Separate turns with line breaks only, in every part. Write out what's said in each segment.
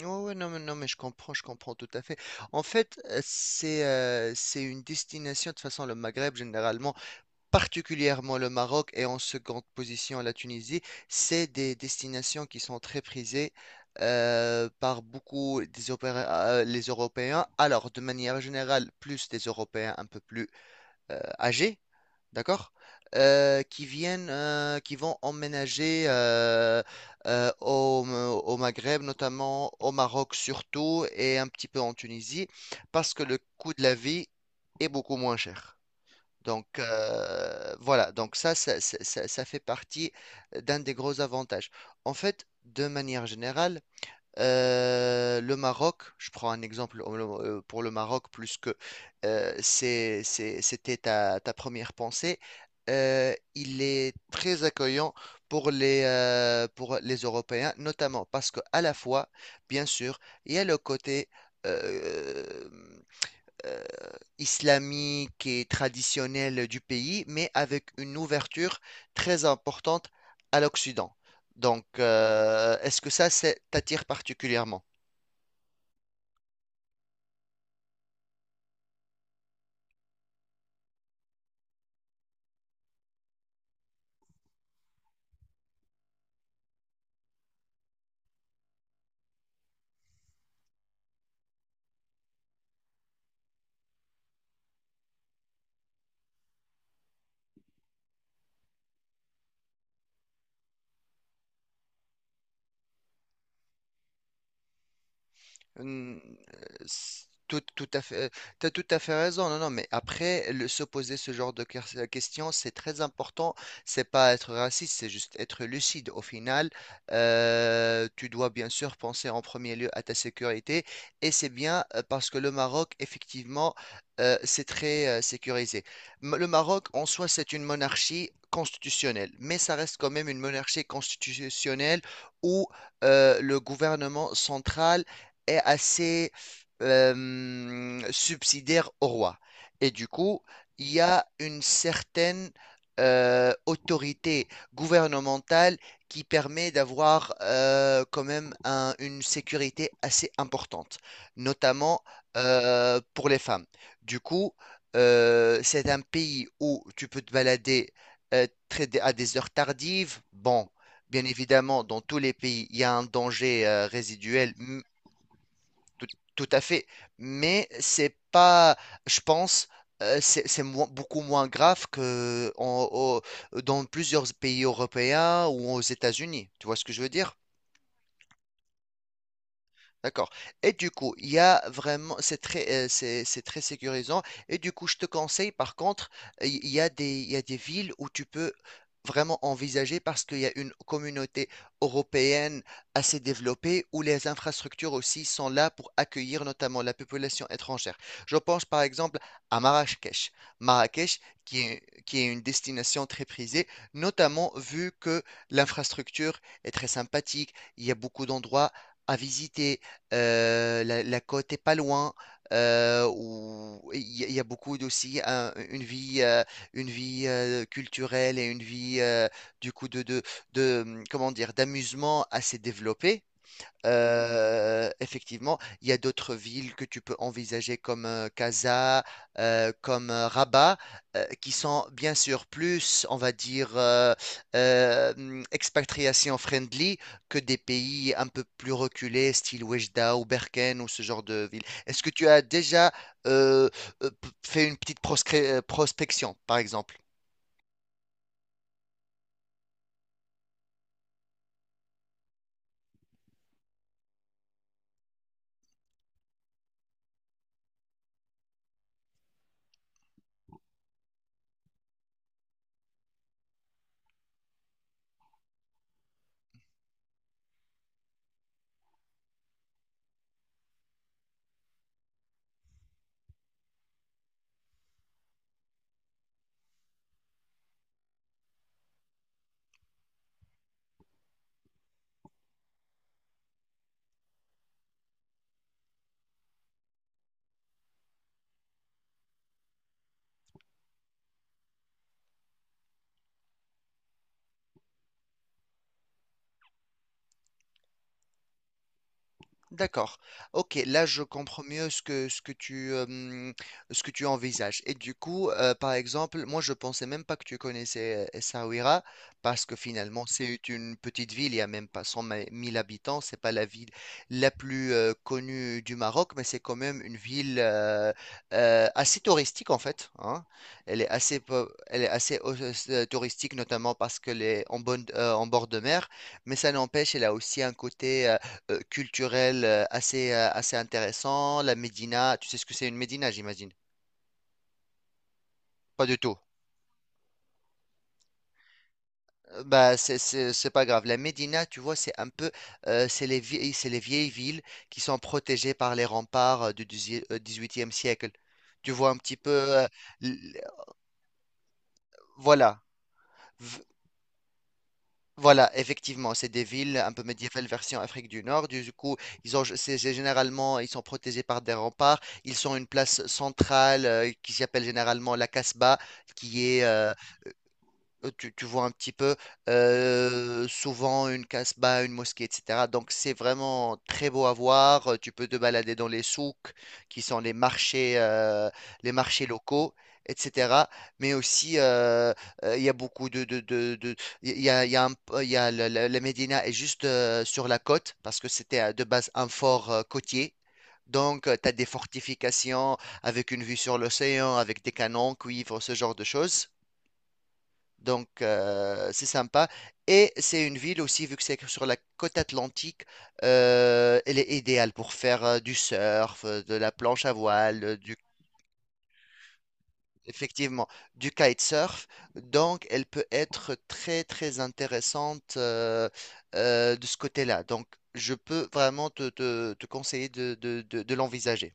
Ouais, ouais, non, mais, non, mais je comprends tout à fait. En fait, c'est une destination, de toute façon, le Maghreb généralement, particulièrement le Maroc et en seconde position la Tunisie, c'est des destinations qui sont très prisées par beaucoup des les Européens. Alors, de manière générale, plus des Européens un peu plus âgés, d'accord? Qui viennent, qui vont emménager euh, au, au Maghreb, notamment au Maroc surtout, et un petit peu en Tunisie, parce que le coût de la vie est beaucoup moins cher. Donc, voilà, donc ça fait partie d'un des gros avantages. En fait, de manière générale, le Maroc, je prends un exemple pour le Maroc, plus que c'était ta première pensée. Il est très accueillant pour les Européens, notamment parce que, à la fois, bien sûr, il y a le côté euh, euh, islamique et traditionnelle du pays, mais avec une ouverture très importante à l'Occident. Donc, est-ce que ça, t'attire particulièrement? Hum, tout à fait, t'as tout à fait raison. Non, non, mais après, se poser ce genre de questions, c'est très important. C'est pas être raciste, c'est juste être lucide. Au final, tu dois bien sûr penser en premier lieu à ta sécurité. Et c'est bien, parce que le Maroc, effectivement, c'est très sécurisé. Le Maroc, en soi, c'est une monarchie constitutionnelle, mais ça reste quand même une monarchie constitutionnelle où le gouvernement central est assez subsidiaire au roi. Et du coup, il y a une certaine autorité gouvernementale qui permet d'avoir, quand même, une sécurité assez importante, notamment pour les femmes. Du coup, c'est un pays où tu peux te balader à des heures tardives. Bon. Bien évidemment, dans tous les pays, il y a un danger résiduel, tout, tout à fait. Mais c'est pas, je pense, beaucoup moins grave que dans plusieurs pays européens ou aux États-Unis. Tu vois ce que je veux dire? D'accord. Et du coup, il y a vraiment, c'est très sécurisant. Et du coup, je te conseille, par contre, il y a des villes où tu peux vraiment envisager parce qu'il y a une communauté européenne assez développée où les infrastructures aussi sont là pour accueillir notamment la population étrangère. Je pense par exemple à Marrakech, qui est une destination très prisée, notamment vu que l'infrastructure est très sympathique. Il y a beaucoup d'endroits à visiter. La côte est pas loin, où il y a beaucoup d'aussi une vie culturelle et une vie, du coup, comment dire, d'amusement assez développée. Effectivement, il y a d'autres villes que tu peux envisager comme Casa, comme Rabat, qui sont bien sûr plus, on va dire, expatriation friendly que des pays un peu plus reculés, style Oujda ou Berkane ou ce genre de ville. Est-ce que tu as déjà euh, fait une petite prospection, par exemple? D'accord. Ok, là je comprends mieux ce que tu envisages. Et du coup, par exemple, moi je pensais même pas que tu connaissais Essaouira, parce que finalement c'est une petite ville, il y a même pas 100 000 habitants, c'est pas la ville la plus connue du Maroc, mais c'est quand même une ville assez touristique en fait, hein. Elle est assez touristique, notamment parce qu'elle est en bord de mer, mais ça n'empêche, elle a aussi un côté culturel, euh, assez intéressant. La Médina, tu sais ce que c'est, une Médina, j'imagine? Pas du tout. Bah, c'est pas grave. La Médina, tu vois, c'est les vieilles villes qui sont protégées par les remparts du XVIIIe siècle. Tu vois un petit peu, l- voilà. V- Voilà, effectivement, c'est des villes un peu médiévales version Afrique du Nord. Du coup, ils ont, c'est généralement, ils sont protégés par des remparts. Ils sont une place centrale, qui s'appelle généralement la Casbah, qui est, tu vois un petit peu, souvent, une casbah, une mosquée, etc. Donc c'est vraiment très beau à voir. Tu peux te balader dans les souks, qui sont les marchés locaux, etc. Mais aussi, il y a beaucoup de- il y a le- la Médina est juste sur la côte, parce que c'était de base un fort côtier. Donc, tu as des fortifications avec une vue sur l'océan, avec des canons, cuivre, ce genre de choses. Donc, c'est sympa. Et c'est une ville aussi, vu que c'est sur la côte atlantique, elle est idéale pour faire du surf, de la planche à voile, du, effectivement, du kitesurf. Donc, elle peut être très, très intéressante de ce côté-là. Donc, je peux vraiment te conseiller de l'envisager.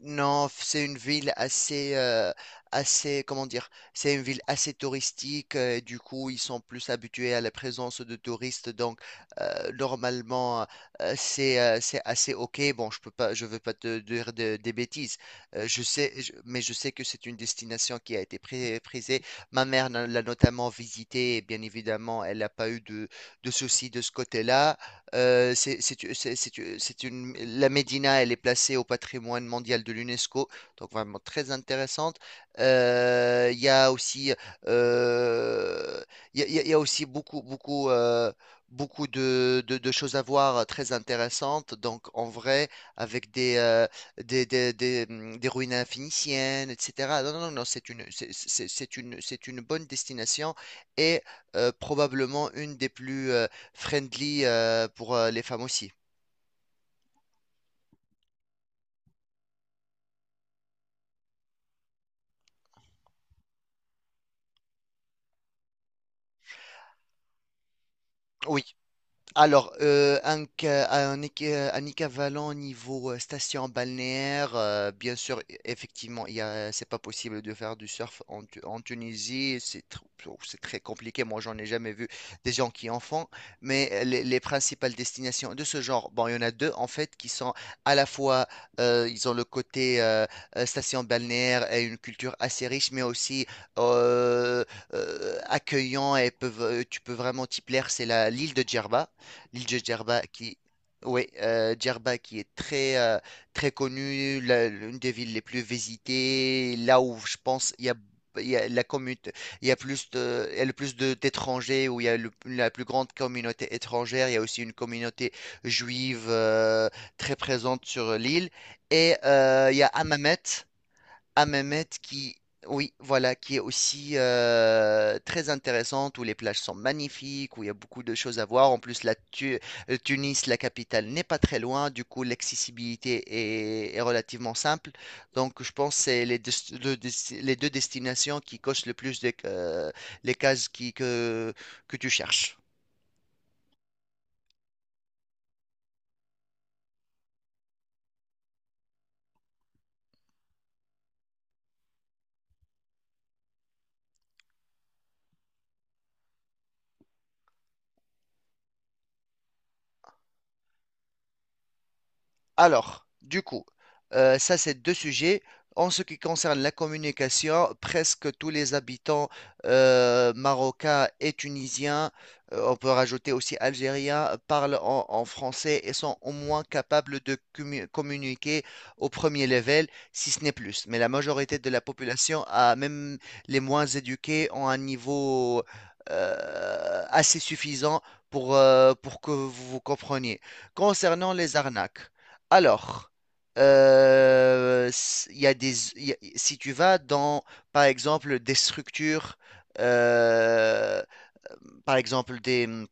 Non, c'est une ville assez, assez, comment dire, c'est une ville assez touristique, et du coup, ils sont plus habitués à la présence de touristes. Donc, normalement, c'est assez ok. Bon, je peux pas, je veux pas te dire des bêtises. Je sais, mais je sais que c'est une destination qui a été prisée. Ma mère l'a notamment visitée. Et bien évidemment, elle n'a pas eu de soucis de ce côté-là. Euh, c'est, c'est, c'est- c'est c'est une, la Médina, elle est placée au patrimoine mondial de l'UNESCO, donc vraiment très intéressante. Il y a aussi, euh, beaucoup, beaucoup, beaucoup de, de choses à voir très intéressantes. Donc en vrai, avec des ruines phéniciennes, etc. Non, non, non, non, c'est une bonne destination et, probablement, une des plus friendly pour les femmes aussi. Oui, alors, un équivalent niveau station balnéaire, bien sûr, effectivement, il y a, c'est pas possible de faire du surf en Tunisie, oh, c'est très compliqué. Moi, j'en ai jamais vu des gens qui en font, mais, les principales destinations de ce genre, bon, il y en a deux en fait qui sont à la fois, ils ont le côté, station balnéaire et une culture assez riche, mais aussi euh, accueillant et tu peux vraiment t'y plaire. C'est la l'île de Djerba, l'île de Djerba qui, oui, Djerba qui est très, très connue, l'une des villes les plus visitées, là où je pense il y a la commute, il y a le plus d'étrangers, où il y a la plus grande communauté étrangère, il y a aussi une communauté juive très présente sur l'île, et il y a Hammamet, à Mehmet qui, oui, voilà, qui est aussi très intéressante, où les plages sont magnifiques, où il y a beaucoup de choses à voir. En plus, Tunis, la capitale, n'est pas très loin, du coup, l'accessibilité est relativement simple. Donc, je pense que c'est les deux destinations qui cochent le plus les cases que tu cherches. Alors, du coup, ça c'est deux sujets. En ce qui concerne la communication, presque tous les habitants, marocains et tunisiens, on peut rajouter aussi algériens, parlent en français et sont au moins capables de communiquer au premier level, si ce n'est plus. Mais la majorité de la population, a, même les moins éduqués, ont un niveau assez suffisant pour que vous vous compreniez. Concernant les arnaques. Alors, il y a des, il y a- si tu vas dans, par exemple, des structures, euh, par exemple des, hum,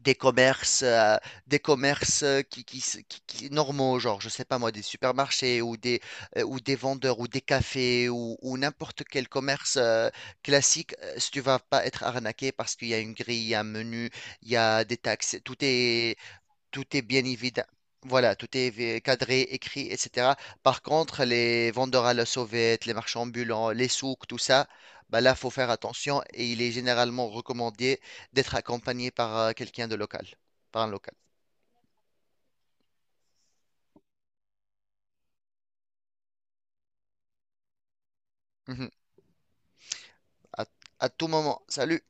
des commerces, qui normaux, genre, je sais pas moi, des supermarchés ou ou des vendeurs ou des cafés ou n'importe quel commerce classique. Si tu vas pas être arnaqué, parce qu'il y a une grille, il y a un menu, il y a des taxes, tout est bien évident. Voilà, tout est cadré, écrit, etc. Par contre, les vendeurs à la sauvette, les marchands ambulants, les souks, tout ça, bah là, faut faire attention, et il est généralement recommandé d'être accompagné par quelqu'un de local, par un local. Mhm. À, à tout moment. Salut.